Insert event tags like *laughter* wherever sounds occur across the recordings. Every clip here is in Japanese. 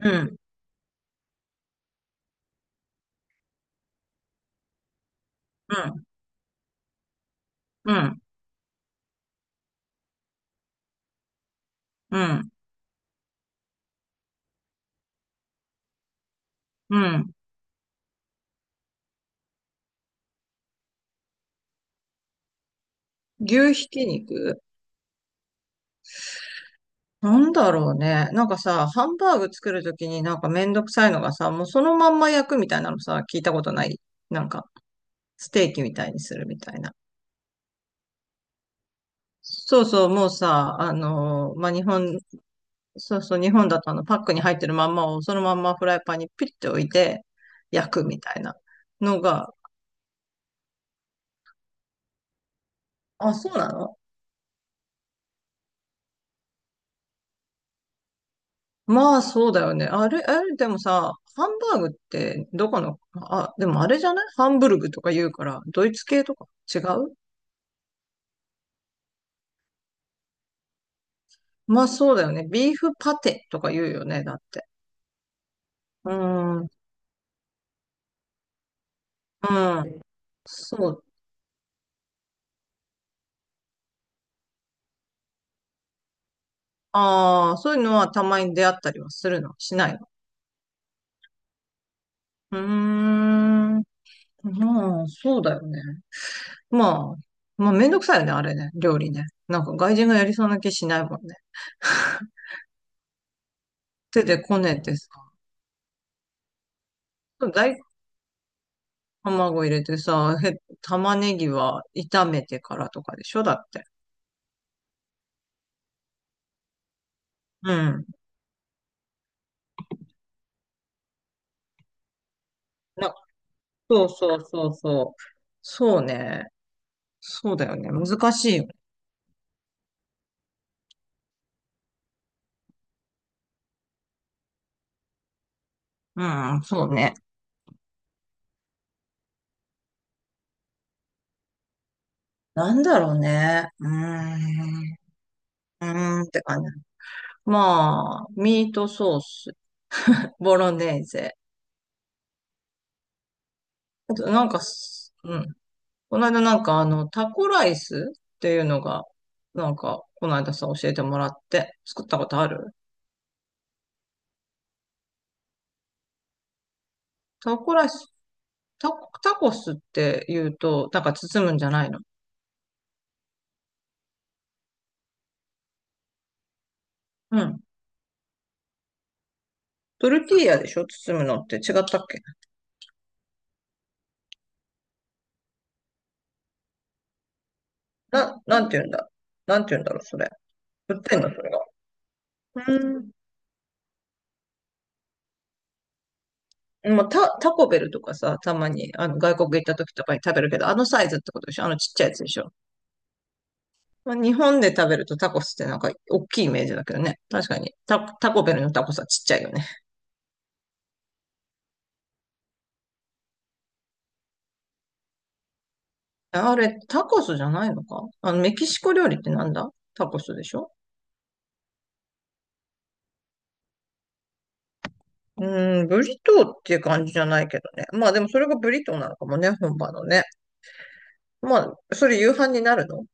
うん、うん、うん、うん、うん。牛ひき肉なんだろうね。なんかさ、ハンバーグ作るときになんかめんどくさいのがさ、もうそのまんま焼くみたいなのさ、聞いたことない。なんか、ステーキみたいにするみたいな。そうそう、もうさ、まあ、そうそう、日本だとあの、パックに入ってるまんまをそのまんまフライパンにピッて置いて焼くみたいなのが、あ、そうなの？まあ、そうだよね。あれ、あれ、でもさ、ハンバーグって、どこの、あ、でもあれじゃないハンブルグとか言うから、ドイツ系とか違う？まあ、そうだよね。ビーフパテとか言うよね、だって。うーん、うん、そう。ああ、そういうのはたまに出会ったりはするのしないの？うーん、まあ、そうだよね。まあ、まあ、めんどくさいよね、あれね、料理ね。なんか外人がやりそうな気しないもんね。手でこねてさ。だ卵入れてさ、玉ねぎは炒めてからとかでしょ？だって。うん。な、そうそうそうそう。そうね。そうだよね。難しいよね。うん、そうね。なんだろうね。うーん。うーんって感じ。まあ、ミートソース、ボロネーゼ。あと、なんかす、うん。この間なんかあの、タコライスっていうのが、なんか、この間さ、教えてもらって、作ったことある？タコライスタコスって言うと、なんか包むんじゃないの？うん。トルティーヤでしょ？包むのって違ったっけ？な、なんて言うんだなんて言うんだろう、それ。売ってんの、それが？うん。もうタコベルとかさ、たまに、あの、外国行った時とかに食べるけど、あのサイズってことでしょ？あのちっちゃいやつでしょ？まあ、日本で食べるとタコスってなんか大きいイメージだけどね。確かに。タコベルのタコスはちっちゃいよね。あれ、タコスじゃないのか？あの、メキシコ料理ってなんだ、タコスでしょ？うん、ブリトーっていう感じじゃないけどね。まあでもそれがブリトーなのかもね、本場のね。まあ、それ夕飯になるの？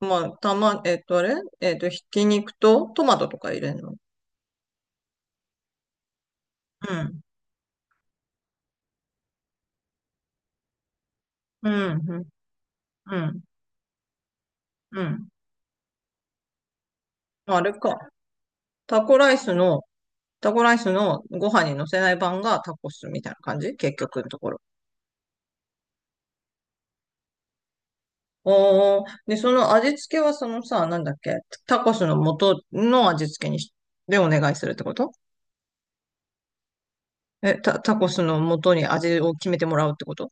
まあ、たま、えっと、あれえっと、ひき肉とトマトとか入れるの？うん、うん、うん、うん、うん。あれか。タコライスの、タコライスのご飯に乗せない版がタコスみたいな感じ、結局のところ。おー、で、その味付けはそのさ、なんだっけ？タコスの元の味付けにし、でお願いするってこと？え、タコスの元に味を決めてもらうってこと？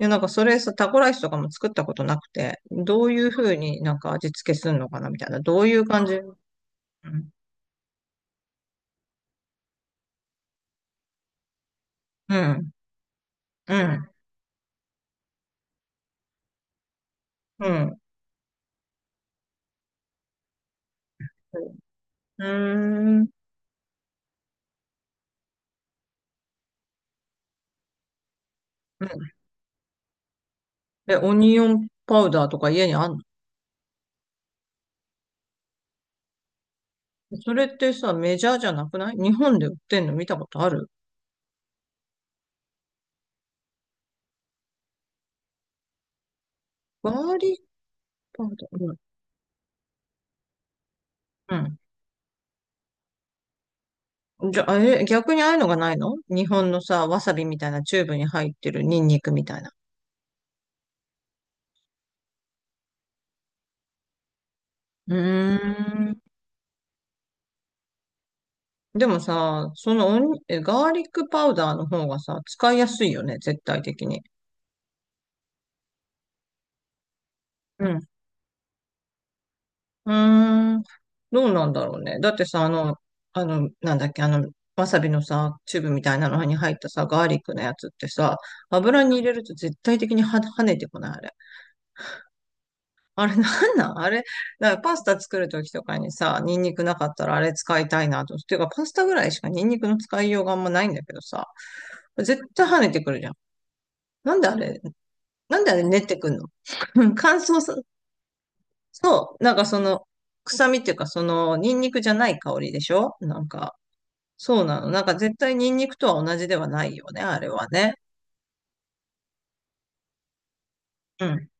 いや、なんかそれさ、タコライスとかも作ったことなくて、どういうふうになんか味付けするのかなみたいな。どういう感じ？うん。うん。うん。うん。うーん。うーん。え、オニオンパウダーとか家にあんの？それってさ、メジャーじゃなくない？日本で売ってんの見たことある？ガーリックパウダー。うん。うん。じゃあ、え、逆にああいうのがないの？日本のさ、わさびみたいなチューブに入ってるニンニクみたいな。うーん。でもさ、そのおにえガーリックパウダーの方がさ、使いやすいよね、絶対的に。うん。うーん、どうなんだろうね。だってさ、あの、なんだっけ、あの、わさびのさ、チューブみたいなのに入ったさ、ガーリックのやつってさ、油に入れると絶対的には跳ねてこない、あれ。あれなんなん、あれ？だからパスタ作るときとかにさ、ニンニクなかったらあれ使いたいなと。ていうか、パスタぐらいしかニンニクの使いようがあんまないんだけどさ、絶対跳ねてくるじゃん。なんであれなんであれ練ってくんの？ *laughs* 乾燥さ、そう、なんかその、臭みっていうか、その、ニンニクじゃない香りでしょ？なんか、そうなの。なんか絶対ニンニクとは同じではないよね、あれはね。うん、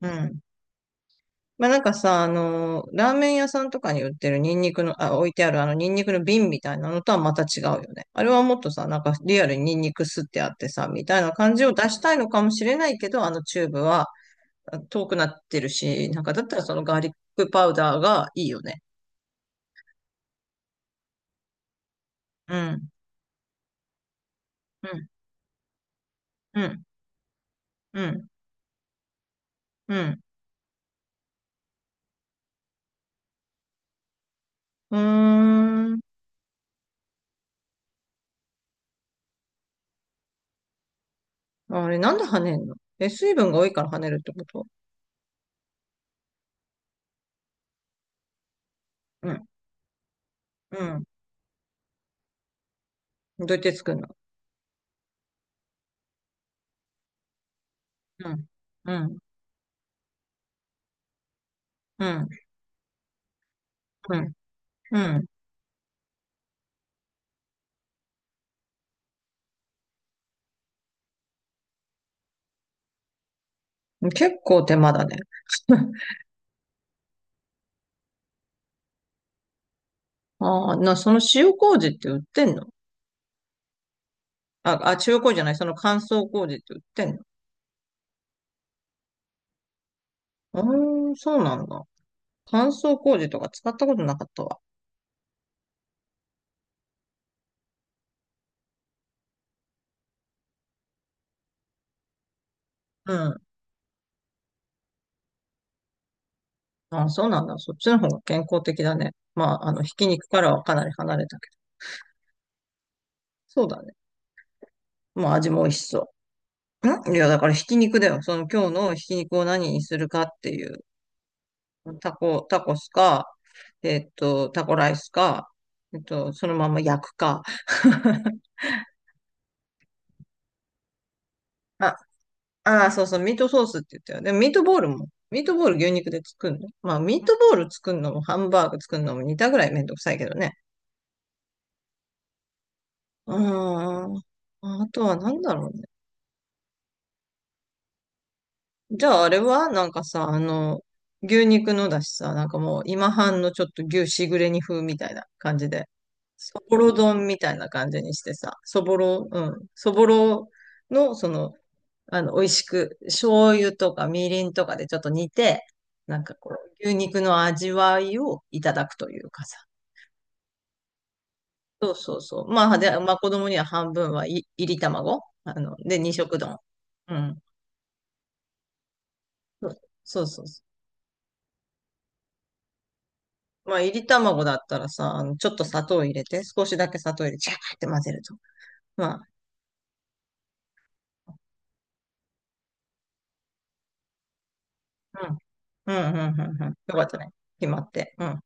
うん。まあなんかさ、ラーメン屋さんとかに売ってるニンニクの、あ、置いてあるあのニンニクの瓶みたいなのとはまた違うよね。あれはもっとさ、なんかリアルにニンニク吸ってあってさ、みたいな感じを出したいのかもしれないけど、あのチューブはあ遠くなってるし、なんかだったらそのガーリックパウダーがいいよね。うん、うん、うん、うん、うん。うーん。あれ、なんで跳ねんの？え、水分が多いから跳ねるってこと？うん、うん。どうやって作るの？うん、うん、うん、うん、うん。結構手間だね。*laughs* ああ、その塩麹って売ってんの？あ、あ、塩麹じゃない、その乾燥麹って売ってんの？うーん、そうなんだ。乾燥麹とか使ったことなかったわ。うん。あ、そうなんだ。そっちの方が健康的だね。まあ、ひき肉からはかなり離れたけど。そうだね。もう味も美味しそう。いや、だからひき肉だよ。その今日のひき肉を何にするかっていう。タコスか、タコライスか、そのまま焼くか。*laughs* あ、ああそうそう、ミートソースって言ったよ。でもミートボール、牛肉で作るの？まあ、ミートボール作るのもハンバーグ作るのも似たぐらいめんどくさいけどね。うーん。あとは何だろうね。じゃああれはなんかさ、牛肉のだしさ、なんかもう今半のちょっと牛しぐれ煮風みたいな感じで、そぼろ丼みたいな感じにしてさ、そぼろ、うん、そぼろのその、美味しく、醤油とかみりんとかでちょっと煮て、なんかこう、牛肉の味わいをいただくというかさ。そうそうそう。まあ、で、まあ子供には半分はい、いり卵で、二色丼。うん。そうそうそう。まあ、いり卵だったらさ、ちょっと砂糖を入れて、少しだけ砂糖入れて、ジャーって混ぜると。まあ、うん。うん、うん、うん、うん。よかったね。決まって。うん。